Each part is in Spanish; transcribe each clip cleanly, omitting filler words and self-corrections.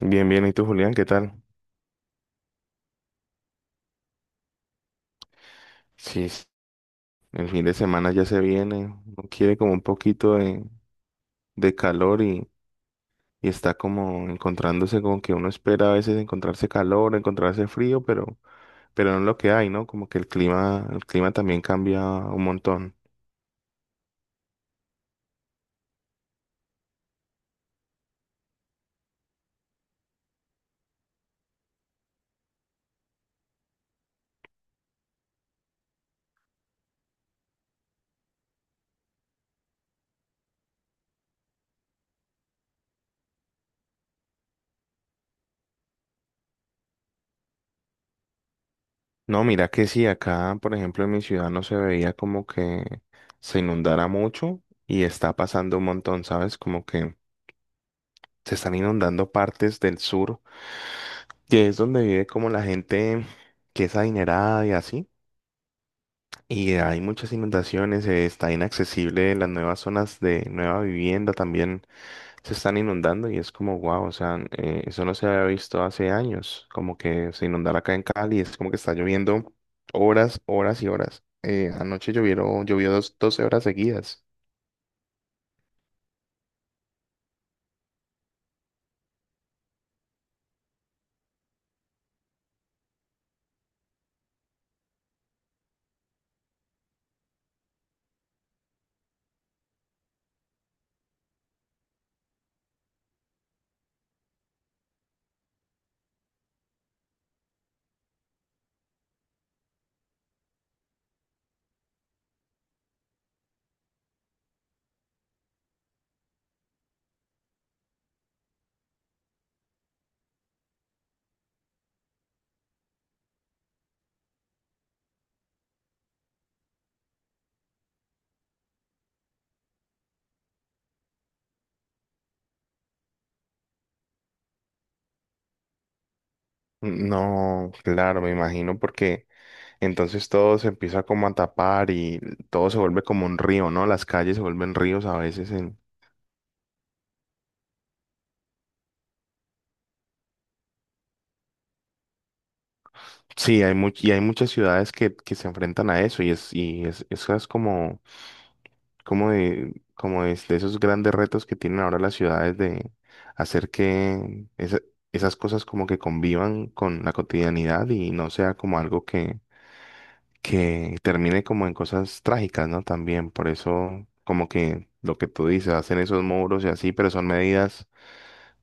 Bien, bien. ¿Y tú, Julián? ¿Qué tal? Sí, sí, el fin de semana ya se viene. Uno quiere como un poquito de calor y está como encontrándose con que uno espera a veces encontrarse calor, encontrarse frío, pero no es lo que hay, ¿no? Como que el clima también cambia un montón. No, mira que sí, acá, por ejemplo, en mi ciudad no se veía como que se inundara mucho y está pasando un montón, ¿sabes? Como que se están inundando partes del sur que es donde vive como la gente que es adinerada y así. Y hay muchas inundaciones, está inaccesible las nuevas zonas de nueva vivienda también se están inundando y es como wow, o sea, eso no se había visto hace años, como que se inundara acá en Cali, es como que está lloviendo horas, horas y horas. Anoche llovió 12 horas seguidas. No, claro, me imagino porque entonces todo se empieza como a tapar y todo se vuelve como un río, ¿no? Las calles se vuelven ríos a veces. En. Sí, y hay muchas ciudades que se enfrentan a eso eso es como es de esos grandes retos que tienen ahora las ciudades de hacer que esas cosas como que convivan con la cotidianidad y no sea como algo que termine como en cosas trágicas, ¿no? También, por eso como que lo que tú dices, hacen esos muros y así, pero son medidas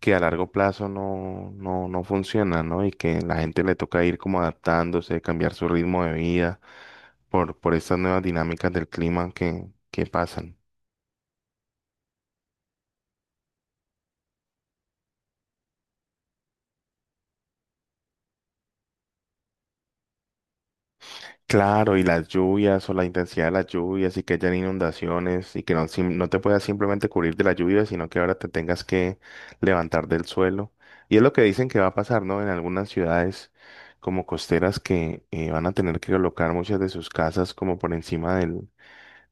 que a largo plazo no funciona, ¿no? Y que la gente le toca ir como adaptándose, cambiar su ritmo de vida por estas nuevas dinámicas del clima que pasan. Claro, y las lluvias o la intensidad de las lluvias y que hayan inundaciones y que no, no te puedas simplemente cubrir de la lluvia, sino que ahora te tengas que levantar del suelo. Y es lo que dicen que va a pasar, ¿no? En algunas ciudades como costeras que van a tener que colocar muchas de sus casas como por encima del,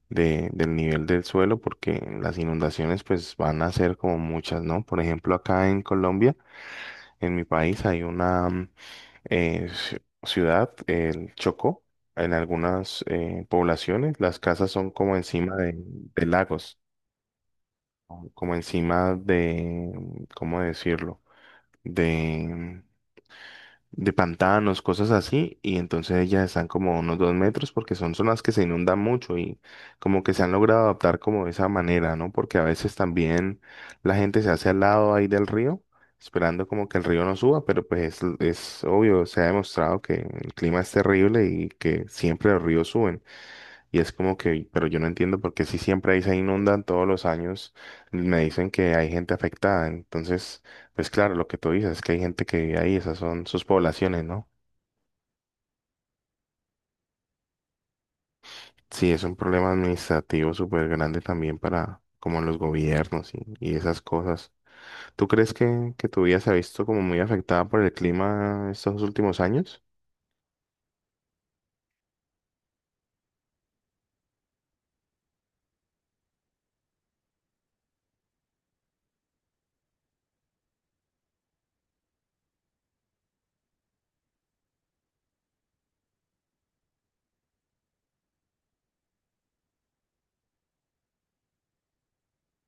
de, del nivel del suelo porque las inundaciones pues van a ser como muchas, ¿no? Por ejemplo, acá en Colombia, en mi país, hay una ciudad, el Chocó, en algunas poblaciones las casas son como encima de lagos, o como encima de, ¿cómo decirlo? De mm, de pantanos, cosas así, y entonces ellas están como a unos 2 metros porque son zonas que se inundan mucho y como que se han logrado adaptar como de esa manera, ¿no? Porque a veces también la gente se hace al lado ahí del río, esperando como que el río no suba, pero pues es, obvio, se ha demostrado que el clima es terrible y que siempre los ríos suben. Y es como que, pero yo no entiendo por qué si siempre ahí se inundan todos los años, me dicen que hay gente afectada. Entonces, pues claro, lo que tú dices es que hay gente que vive ahí, esas son sus poblaciones, ¿no? Sí, es un problema administrativo súper grande también para como los gobiernos y esas cosas. ¿Tú crees que tu vida se ha visto como muy afectada por el clima estos últimos años?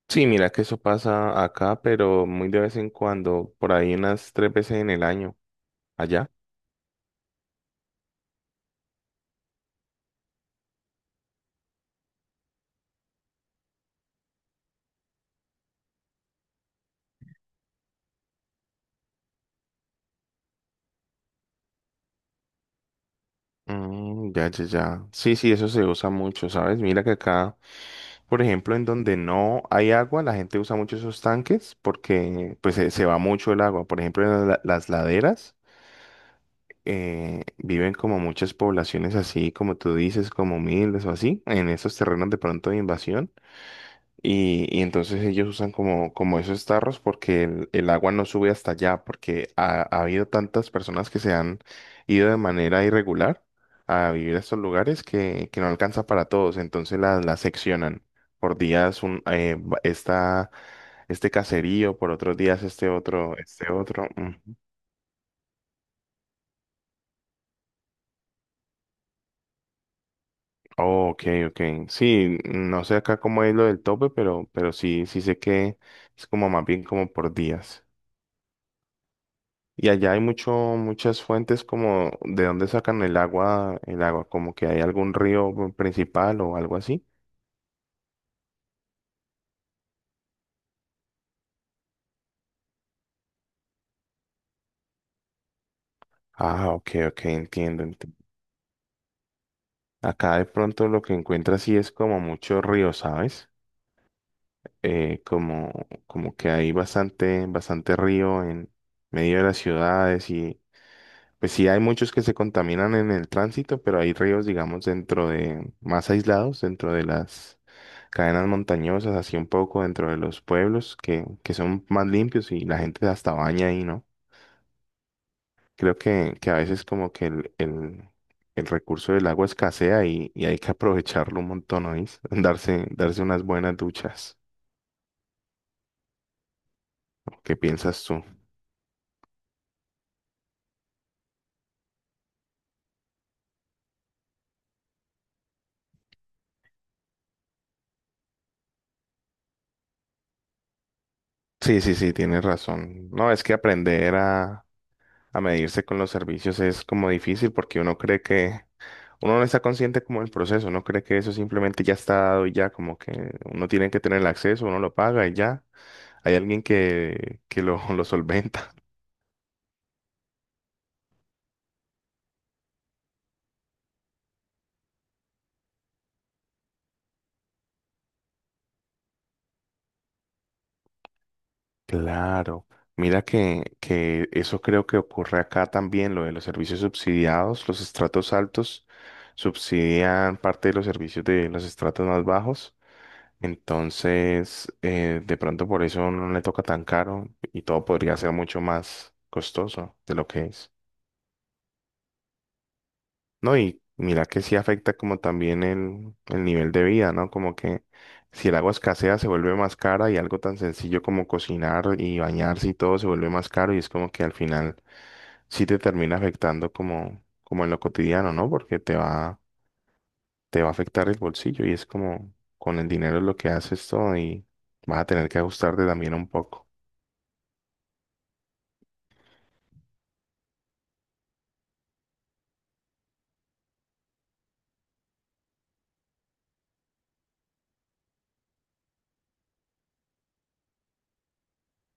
Sí, mira que eso pasa acá, pero muy de vez en cuando, por ahí unas tres veces en el año, allá. Mm, ya, ya, ya. Sí, sí, eso se usa mucho, ¿sabes? Mira que acá, por ejemplo, en donde no hay agua, la gente usa mucho esos tanques porque pues se, va mucho el agua. Por ejemplo, en las laderas viven como muchas poblaciones así, como tú dices, como miles o así, en esos terrenos de pronto de invasión. Y entonces ellos usan como esos tarros porque el, agua no sube hasta allá, porque ha habido tantas personas que se han ido de manera irregular a vivir a estos lugares que no alcanza para todos, entonces las seccionan. Por días está este caserío, por otros días este otro, este otro. Ujú. Oh, ok, ok. Sí, no sé acá cómo es lo del tope, pero sí, sí sé que es como más bien como por días. Y allá hay muchas fuentes como de dónde sacan el agua, como que hay algún río principal o algo así. Ah, ok, ok, entiendo, entiendo. Acá de pronto lo que encuentras sí es como mucho río, ¿sabes? Eh, como, como que hay bastante, bastante río en medio de las ciudades. Pues sí, hay muchos que se contaminan en el tránsito, pero hay ríos, digamos, más aislados, dentro de las cadenas montañosas, así un poco dentro de los pueblos, que son más limpios y la gente hasta baña ahí, ¿no? Creo que a veces como que el, recurso del agua escasea y hay que aprovecharlo un montón, ¿oís? Darse unas buenas duchas. ¿Qué piensas tú? Sí, sí, sí, tienes razón. No, es que aprender a medirse con los servicios es como difícil porque uno cree que. Uno no está consciente como del proceso, no cree que eso simplemente ya está dado y ya, como que uno tiene que tener el acceso, uno lo paga y ya. Hay alguien que lo, lo solventa. Claro. Mira que eso creo que ocurre acá también, lo de los servicios subsidiados. Los estratos altos subsidian parte de los servicios de los estratos más bajos. Entonces, de pronto por eso no le toca tan caro y todo podría ser mucho más costoso de lo que es. No, y mira que sí afecta como también el, nivel de vida, ¿no? Como que si el agua escasea se vuelve más cara y algo tan sencillo como cocinar y bañarse y todo se vuelve más caro y es como que al final sí te termina afectando como, en lo cotidiano, ¿no? Porque te va a afectar el bolsillo y es como con el dinero es lo que haces todo y vas a tener que ajustarte también un poco.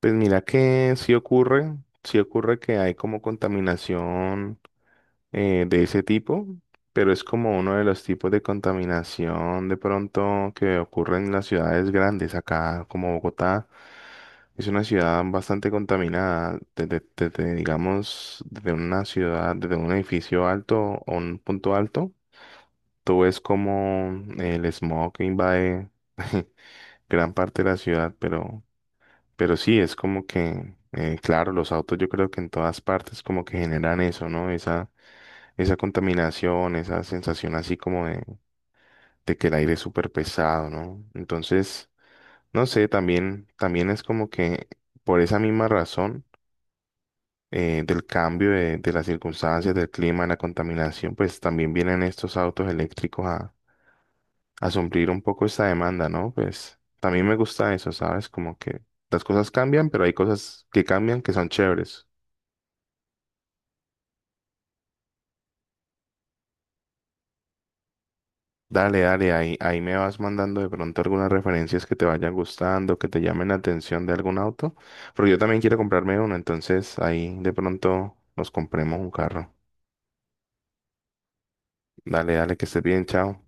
Pues mira que sí ocurre que hay como contaminación de ese tipo, pero es como uno de los tipos de contaminación de pronto que ocurre en las ciudades grandes. Acá, como Bogotá, es una ciudad bastante contaminada. Desde, digamos, desde una ciudad, desde un edificio alto o un punto alto, tú ves como el smog invade gran parte de la ciudad, pero sí, es como que. Claro, los autos yo creo que en todas partes como que generan eso, ¿no? Esa contaminación, esa sensación así como de, que el aire es súper pesado, ¿no? Entonces, no sé, también, también es como que por esa misma razón del cambio de, las circunstancias, del clima, la contaminación, pues también vienen estos autos eléctricos a suplir un poco esta demanda, ¿no? Pues también me gusta eso, ¿sabes? Como que las cosas cambian, pero hay cosas que cambian que son chéveres. Dale, dale, ahí me vas mandando de pronto algunas referencias que te vayan gustando, que te llamen la atención de algún auto, porque yo también quiero comprarme uno, entonces ahí de pronto nos compremos un carro. Dale, dale, que estés bien, chao.